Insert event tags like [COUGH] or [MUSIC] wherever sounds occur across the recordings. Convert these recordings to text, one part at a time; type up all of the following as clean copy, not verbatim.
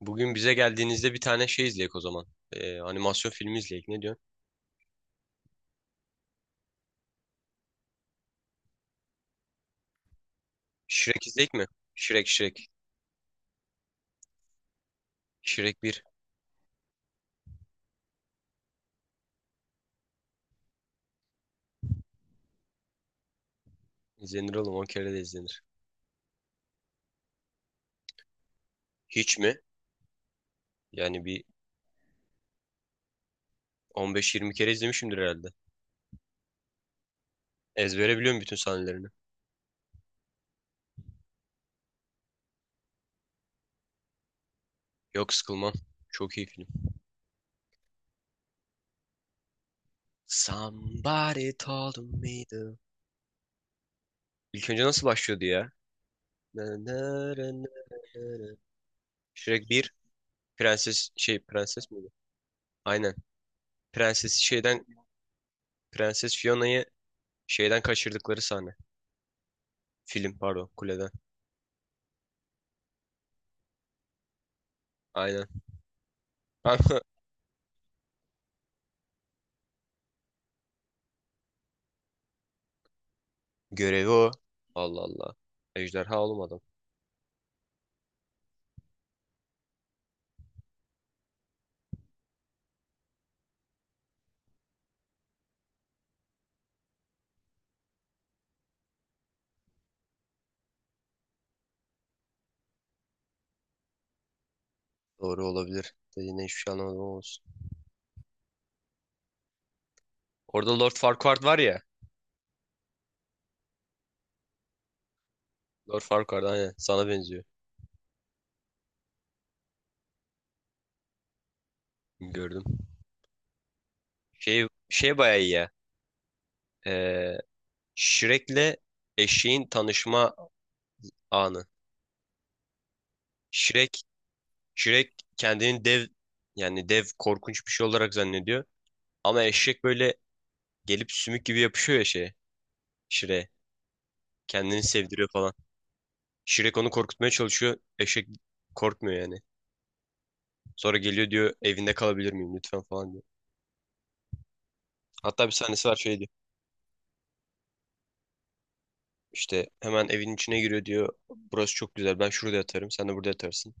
Bugün bize geldiğinizde bir tane şey izleyek o zaman. Animasyon filmi izleyek. Ne diyorsun? Shrek izleyek mi? Shrek. Shrek 1. İzlenir oğlum. 10 kere de izlenir. Hiç mi? Yani bir 15-20 kere izlemişimdir herhalde. Ezbere biliyorum bütün sahnelerini. Yok, sıkılmam. Çok iyi film. Somebody told me the... İlk önce nasıl başlıyordu ya? Na, na, ra, na, ra, ra. Shrek 1. Prenses şey, prenses miydi? Aynen. Prenses şeyden, Prenses Fiona'yı şeyden kaçırdıkları sahne. Film pardon, kuleden. Aynen. [LAUGHS] Görevi o. Allah Allah. Ejderha olmadım. Doğru olabilir. Dediğine hiçbir şey anlamadım ama olsun. Orada Lord Farquaad var ya. Lord Farquaad, aynen. Sana benziyor. Gördüm. Şey bayağı iyi ya. Ee, Shrek'le eşeğin tanışma anı. Shrek, Shrek kendini dev, yani dev korkunç bir şey olarak zannediyor. Ama eşek böyle gelip sümük gibi yapışıyor ya şeye. Shrek'e. Kendini sevdiriyor falan. Shrek onu korkutmaya çalışıyor. Eşek korkmuyor yani. Sonra geliyor diyor, evinde kalabilir miyim lütfen falan diyor. Hatta bir sahnesi var, şey diyor. İşte hemen evin içine giriyor, diyor, burası çok güzel, ben şurada yatarım sen de burada yatarsın.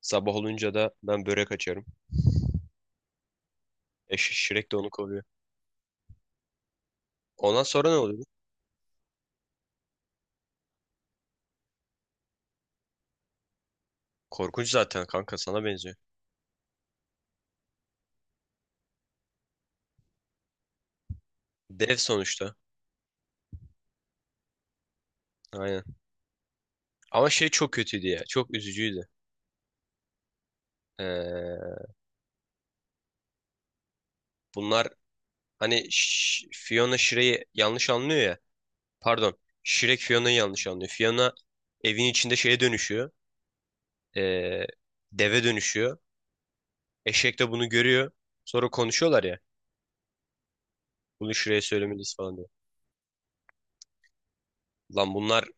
Sabah olunca da ben börek açarım. Eş Shrek de onu koruyor. Ondan sonra ne oluyor? Korkunç zaten kanka, sana benziyor. Dev sonuçta. Aynen. Ama şey çok kötüydü ya. Çok üzücüydü. Ee, bunlar hani Ş- Fiona Shrek'i yanlış anlıyor ya. Pardon. Shrek Fiona'yı yanlış anlıyor. Fiona evin içinde şeye dönüşüyor. Ee, deve dönüşüyor. Eşek de bunu görüyor. Sonra konuşuyorlar ya. Bunu Shrek'e söylemeliyiz falan diyor. Lan bunlar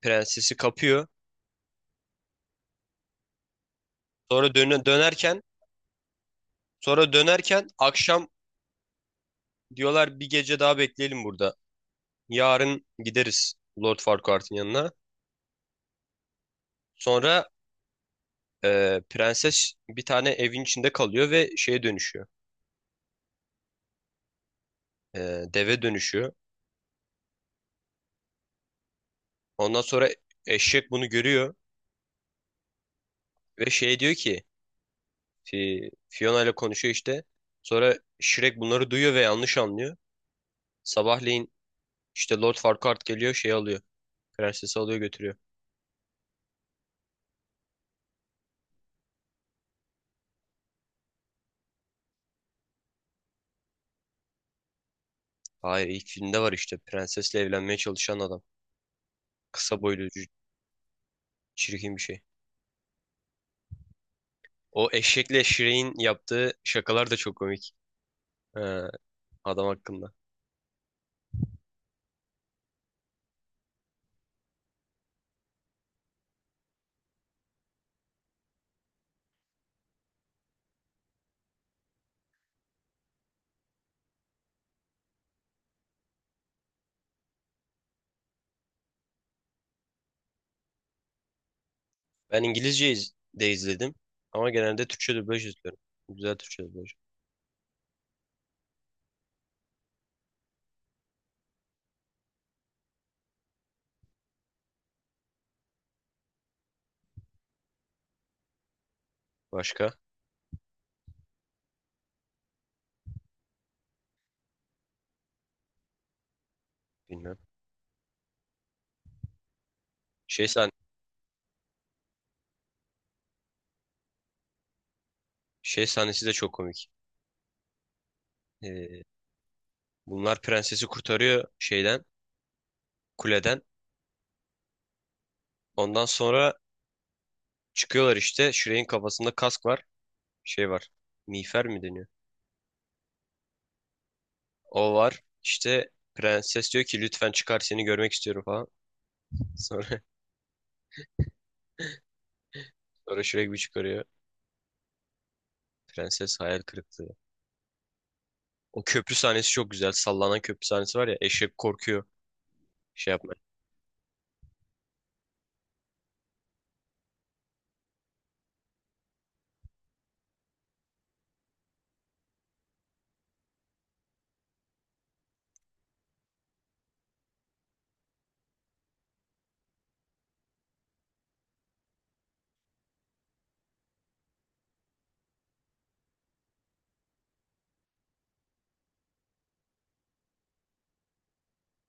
prensesi kapıyor. Sonra dönerken, sonra dönerken akşam diyorlar, bir gece daha bekleyelim burada. Yarın gideriz Lord Farquaad'ın yanına. Sonra prenses bir tane evin içinde kalıyor ve şeye dönüşüyor. Deve dönüşüyor. Ondan sonra eşek bunu görüyor. Ve şey diyor ki, Fiona ile konuşuyor işte. Sonra Shrek bunları duyuyor ve yanlış anlıyor. Sabahleyin işte Lord Farquaad geliyor, şey alıyor. Prensesi alıyor, götürüyor. Hayır, ilk filmde var işte, prensesle evlenmeye çalışan adam. Kısa boylu, çirkin bir şey. O eşekle Shrek'in yaptığı şakalar da çok komik. Ee, adam hakkında. Ben İngilizce de izledim. Ama genelde Türkçe dublaj izliyorum. Güzel Türkçe dublaj. Başka? Bilmem. Şey, sahn şey sahnesi de çok komik. Ee, Bunlar prensesi kurtarıyor şeyden, kuleden. Ondan sonra çıkıyorlar işte. Shrek'in kafasında kask var. Şey var. Miğfer mi deniyor? O var. İşte prenses diyor ki, lütfen çıkar, seni görmek istiyorum falan. [LAUGHS] Sonra, sonra Shrek bir çıkarıyor. Prenses hayal kırıklığı. O köprü sahnesi çok güzel. Sallanan köprü sahnesi var ya. Eşek korkuyor. Şey yapma.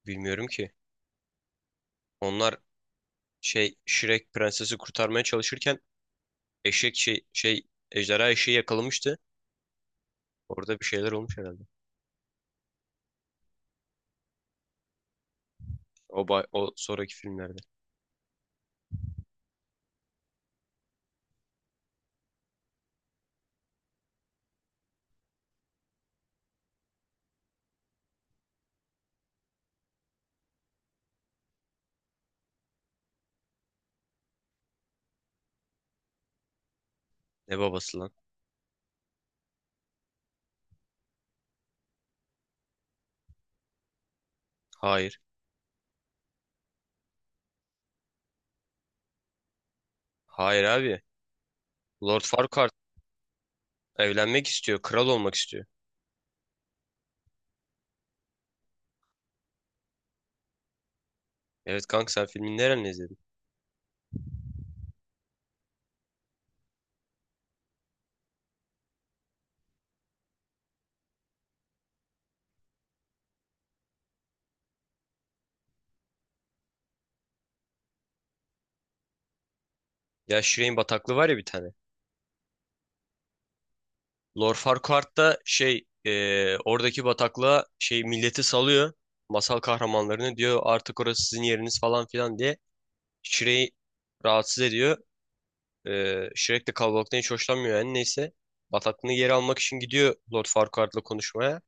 Bilmiyorum ki. Onlar şey, Shrek prensesi kurtarmaya çalışırken eşek şey ejderha eşeği yakalamıştı. Orada bir şeyler olmuş herhalde. O sonraki filmlerde. Ne babası lan? Hayır. Hayır abi. Lord Farquaad evlenmek istiyor. Kral olmak istiyor. Evet kanka, sen filmin nereden izledin? Ya Shireen bataklığı var ya bir tane. Lord Farquaad da şey, oradaki bataklığa şey milleti salıyor. Masal kahramanlarını, diyor artık orası sizin yeriniz falan filan diye. Shrek'i rahatsız ediyor. Shrek de kalabalıktan hiç hoşlanmıyor, yani neyse. Bataklığını geri almak için gidiyor Lord Farquaad'la konuşmaya.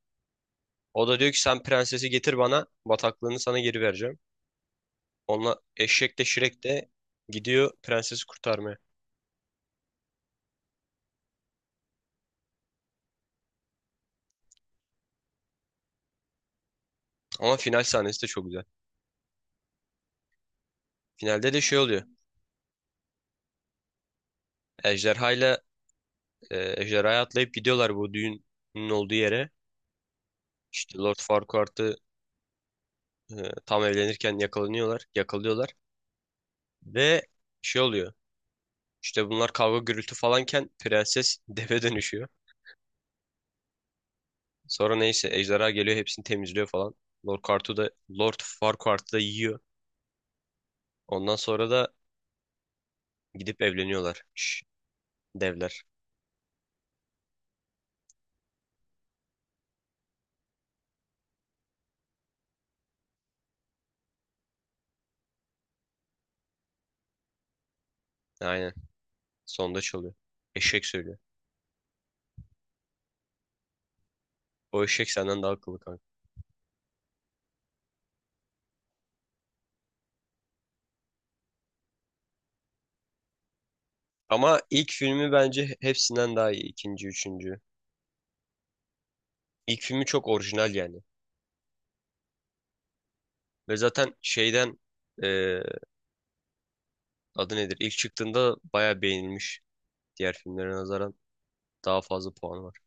O da diyor ki, sen prensesi getir bana, bataklığını sana geri vereceğim. Onunla eşek de, Şirek de gidiyor prensesi kurtarmaya. Ama final sahnesi de çok güzel. Finalde de şey oluyor. Ejderhayla ejderhaya atlayıp gidiyorlar bu düğünün olduğu yere. İşte Lord Farquaad'ı e, tam evlenirken yakalıyorlar ve şey oluyor. İşte bunlar kavga gürültü falanken prenses [LAUGHS] deve dönüşüyor. Sonra neyse ejderha geliyor hepsini temizliyor falan. Lord Farquaad'ı da Lord Farquaad'ı da yiyor. Ondan sonra da gidip evleniyorlar. Şş, devler. Aynen. Sonda çalıyor. Eşek söylüyor. O eşek senden daha akıllı kanka. Ama ilk filmi bence hepsinden daha iyi. İkinci, üçüncü. İlk filmi çok orijinal yani. Ve zaten şeyden e, adı nedir? İlk çıktığında bayağı beğenilmiş. Diğer filmlere nazaran daha fazla puanı var.